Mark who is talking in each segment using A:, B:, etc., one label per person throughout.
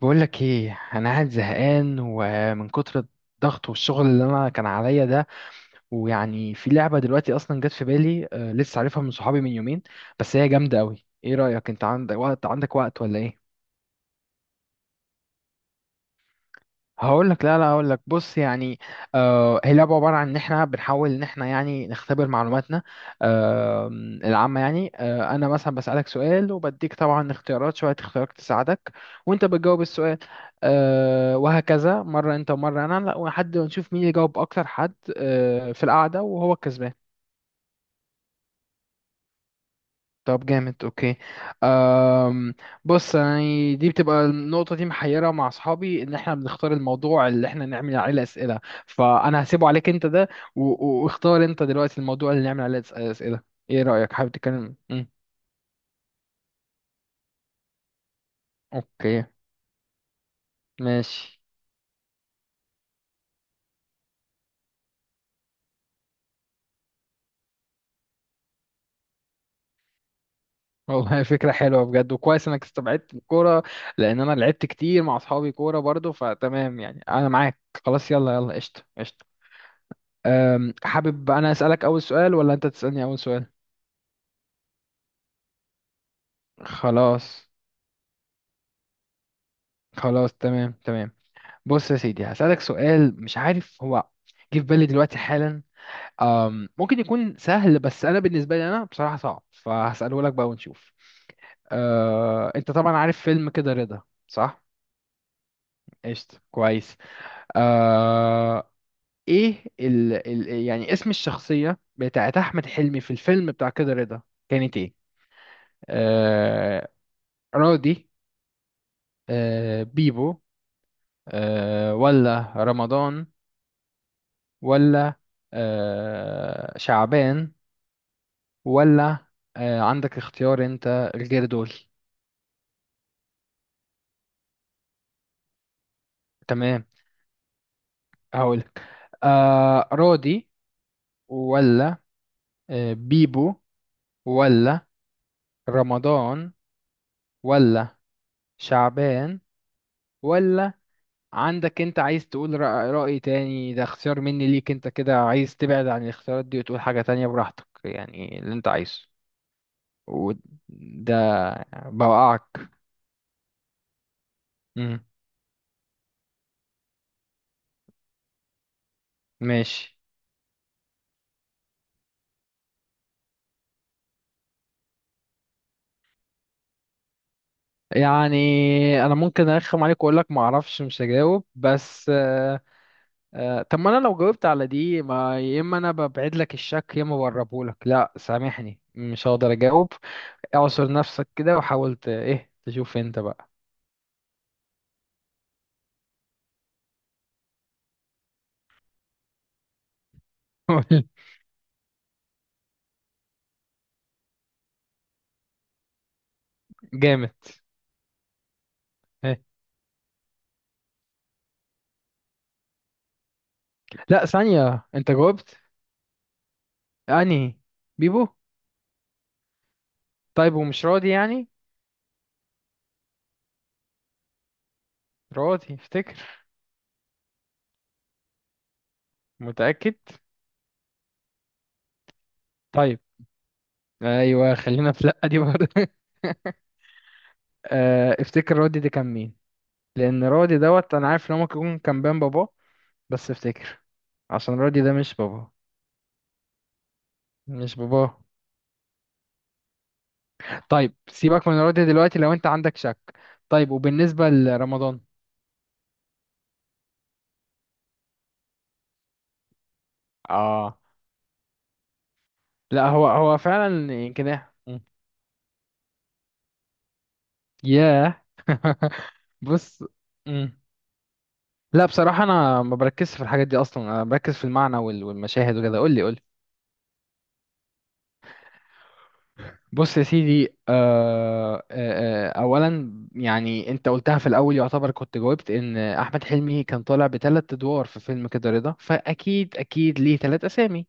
A: بقول لك ايه، انا قاعد زهقان ومن كتر الضغط والشغل اللي انا كان عليا ده. ويعني في لعبه دلوقتي اصلا جت في بالي، لسه عارفها من صحابي من يومين. بس هي جامده قوي. ايه رايك؟ انت عندك وقت؟ عندك وقت ولا ايه؟ هقول لك، لا لا، هقول لك بص يعني. آه، هي لعبه عباره عن ان احنا بنحاول ان احنا يعني نختبر معلوماتنا. آه. العامه يعني. انا مثلا بسالك سؤال وبديك طبعا اختيارات، شويه اختيارات تساعدك وانت بتجاوب السؤال. وهكذا مره انت ومره انا، لا، لحد ما نشوف مين يجاوب اكتر حد في القعده وهو الكسبان. طب جامد، اوكي. أم بص يعني، دي بتبقى النقطة دي محيرة مع اصحابي ان احنا بنختار الموضوع اللي احنا نعمل عليه اسئلة. فانا هسيبه عليك انت ده. واختار انت دلوقتي الموضوع اللي نعمل عليه اسئلة. ايه رأيك؟ حابب تتكلم؟ اوكي، ماشي. والله، فكرة حلوة بجد، وكويس انك استبعدت الكورة. لان انا لعبت كتير مع اصحابي كورة برضو، فتمام يعني انا معاك. خلاص، يلا يلا، قشطة قشطة. حابب انا اسألك اول سؤال ولا انت تسألني اول سؤال؟ خلاص. خلاص، تمام تمام. بص يا سيدي، هسألك سؤال. مش عارف هو، جه في بالي دلوقتي حالا. ممكن يكون سهل، بس أنا بالنسبة لي أنا بصراحة صعب، فهسأله لك بقى ونشوف. أه، أنت طبعا عارف فيلم كده رضا صح؟ قشطة، كويس. أه. إيه ال يعني اسم الشخصية بتاعت أحمد حلمي في الفيلم بتاع كده رضا كانت إيه؟ أه رودي، بيبو، ولا رمضان، ولا شعبان، ولا عندك اختيار انت الغير دول؟ تمام. هقولك. راضي، ولا بيبو، ولا رمضان، ولا شعبان، ولا عندك انت عايز تقول رأي تاني؟ ده اختيار مني ليك، انت كده عايز تبعد عن الاختيارات دي وتقول حاجة تانية براحتك يعني اللي انت عايزه. وده بوقعك. مم. ماشي. يعني انا ممكن ارخم عليك واقول لك ما اعرفش مش هجاوب، بس طب ما انا لو جاوبت على دي، ما يا اما انا ببعد لك الشك يا اما بقربه لك. لا سامحني، مش هقدر اجاوب. اعصر نفسك كده وحاول ايه تشوف انت بقى. جامد. إيه. لا ثانية، انت جاوبت. انهي؟ بيبو؟ طيب، ومش راضي يعني؟ راضي افتكر. متأكد؟ طيب. ايوه، خلينا في لا دي برضه. افتكر راضي دي كان مين. لان رودي دوت، انا عارف ان هو ممكن يكون كان بين باباه، بس افتكر. عشان رودي ده مش باباه. مش باباه. طيب سيبك من رودي دلوقتي لو انت عندك شك. طيب، وبالنسبة لرمضان؟ اه. لا هو هو فعلا، يمكن ايه؟ ياه. بص. مم. لا بصراحة انا ما بركزش في الحاجات دي اصلا، انا بركز في المعنى والمشاهد وكده. قول لي قول لي. بص يا سيدي، اولا يعني انت قلتها في الاول يعتبر كنت جاوبت ان احمد حلمي كان طالع بثلاث ادوار في فيلم كده رضا، فاكيد اكيد ليه ثلاث اسامي.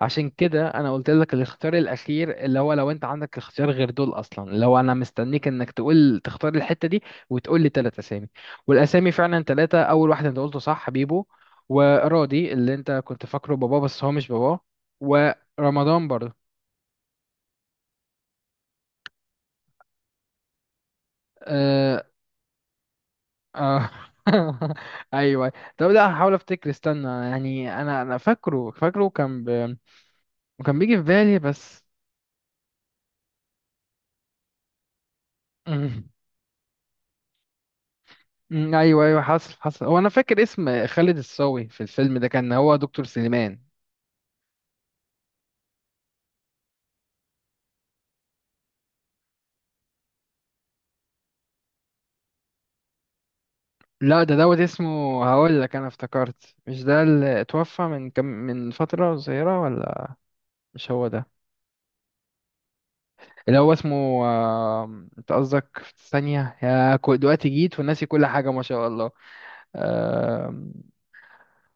A: عشان كده انا قلت لك الاختيار الاخير، اللي هو لو انت عندك اختيار غير دول اصلا، اللي هو انا مستنيك انك تقول تختار الحتة دي وتقول لي ثلاث اسامي. والاسامي فعلا ثلاثة. اول واحد انت قلته صح، بيبو، وراضي اللي انت كنت فاكره باباه، بس هو مش باباه، ورمضان برضه. آه، اه. ايوه. طب لا هحاول افتكر. استنى يعني، انا فاكره فاكره كان وكان بيجي في بالي بس. أمم، أمم، ايوه ايوه، حصل حصل. هو انا فاكر اسم خالد الصاوي في الفيلم ده كان هو دكتور سليمان. لا ده دوت اسمه، هقول لك انا افتكرت. مش ده اللي اتوفى من كم، من فترة صغيرة، ولا؟ مش هو ده؟ اللي هو اسمه انت قصدك في ثانية يا دلوقتي جيت وناسي كل حاجة ما شاء الله.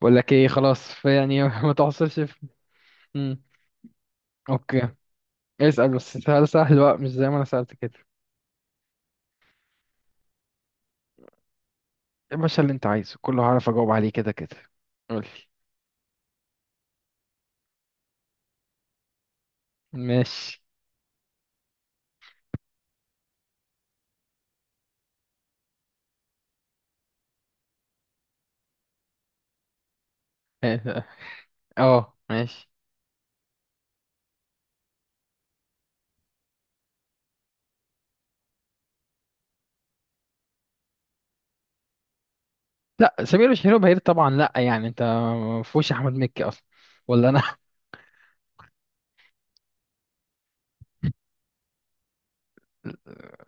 A: بقول لك ايه، خلاص في يعني. ما تحصلش في. مم. اوكي. اسأل بس سؤال سهل بقى، مش زي ما انا سألت كده. يا باشا، اللي انت عايزه كله هعرف اجاوب عليه كده كده. قولي. ماشي. اه، ماشي. لا سمير وشهير وبهير طبعا، لا يعني انت ما فيهوش احمد مكي اصلا ولا انا.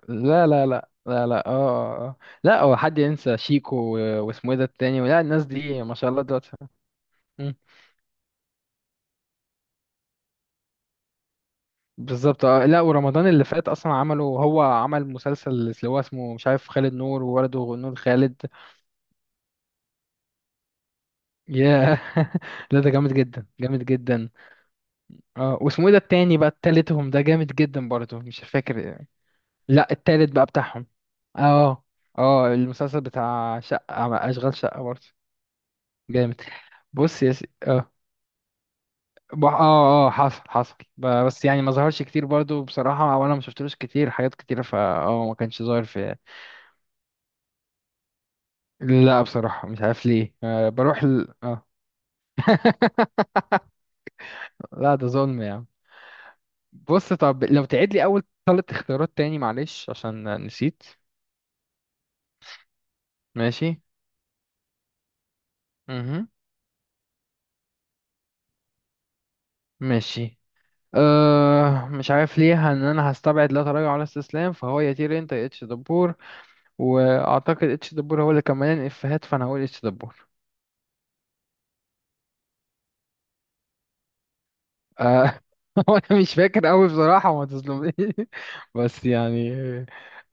A: لا لا لا لا لا، اه، لا هو حد ينسى شيكو واسمه ايه ده التاني؟ لا الناس دي ما شاء الله دلوقتي. بالظبط. لا ورمضان اللي فات اصلا عمله، هو عمل مسلسل اللي هو اسمه مش عارف خالد نور وولده نور خالد. ياه. لا ده جامد جدا، جامد جدا. اه، واسمه ايه ده التاني بقى؟ التالتهم ده جامد جدا برضه، مش فاكر. لا، التالت بقى بتاعهم. اه اه. المسلسل بتاع شقة، اشغال شقة برضه. جامد. بص يا اه، اه اه، حصل حصل، بس يعني ما ظهرش كتير برضه بصراحة، وانا ما شفتلوش كتير حاجات كتيرة فا اه، ما كانش ظاهر في. لا بصراحة مش عارف ليه، بروح اه. لا ده ظلم يا عم. بص، طب لو تعيد لي أول ثلاث اختيارات تاني، معلش عشان نسيت. ماشي. مهم. ماشي. مش عارف ليه ان انا هستبعد لا تراجع ولا استسلام، فهو يا تير انت يا اتش دبور. واعتقد اتش دبور هو اللي كان مليان افيهات، فانا هقول اتش دبور. أه. هو انا مش فاكر قوي بصراحة، وما تظلمنيش. بس يعني.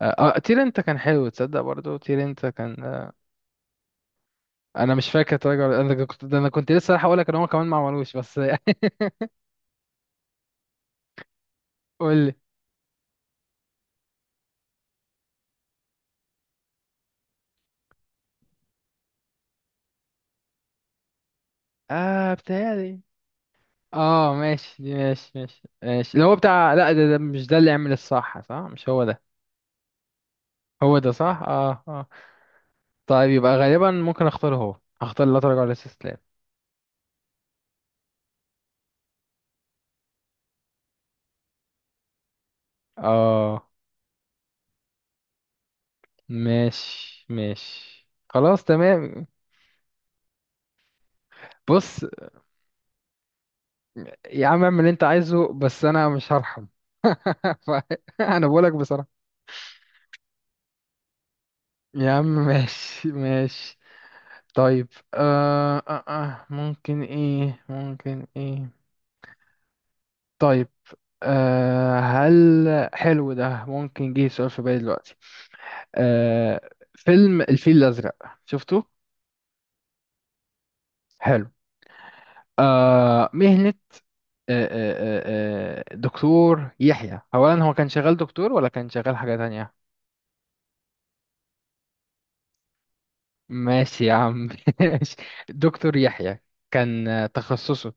A: أه آه، تير انت كان حلو تصدق برضو، تير انت كان انا مش فاكر تراجع انا كنت لسه رايح اقول لك ان هم كمان ما عملوش، بس يعني. قول لي. اه بتهيألي. اه ماشي دي، ماشي ماشي ماشي. اللي هو بتاع، لا ده, ده مش ده اللي يعمل الصح. صح، مش هو ده؟ هو ده صح. اه اه. طيب يبقى غالبا ممكن اختار هو، هختار لا تراجع ولا استسلام. اه ماشي ماشي. خلاص تمام. بص يا عم، اعمل اللي انت عايزه، بس انا مش هرحم. انا بقولك بصراحة. يا عم، ماشي ماشي. طيب. ممكن ايه؟ ممكن ايه؟ طيب. هل حلو ده ممكن، جه سؤال في بالي دلوقتي. آه. فيلم الفيل الأزرق، شفته؟ حلو. مهنة، آه آه دكتور يحيى، أولا هو كان شغال دكتور ولا كان شغال حاجة تانية؟ ماشي يا عم، ماشي. دكتور يحيى كان تخصصه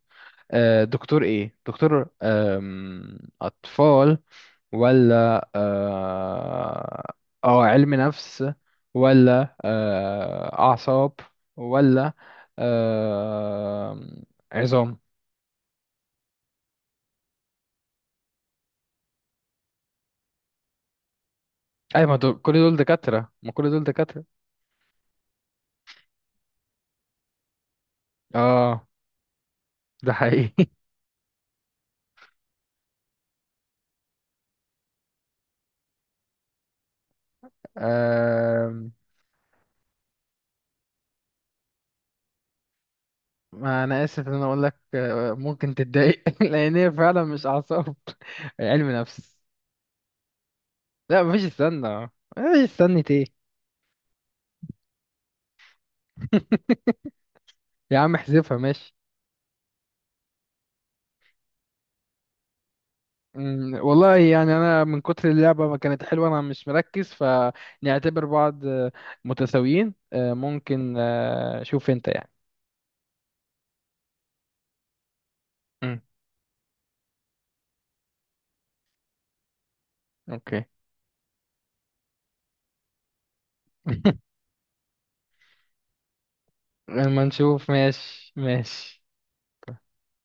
A: دكتور ايه؟ دكتور اطفال، ولا اه علم نفس، ولا أعصاب، ولا آه عظام؟ أي ما دول كل دول دكاترة، ما كل دول دكاترة. اه. ده حقيقي. آه ما أنا آسف إن أنا أقول لك، ممكن تتضايق. لأن هي فعلا مش أعصاب، هي علم نفس. لا، مفيش استنى. مفيش استنى ايه؟ يا عم احذفها، ماشي. والله يعني انا من كتر اللعبه ما كانت حلوه انا مش مركز، فنعتبر بعض متساويين، ممكن، شوف انت يعني. مم، اوكي. لما نشوف، ماشي ماشي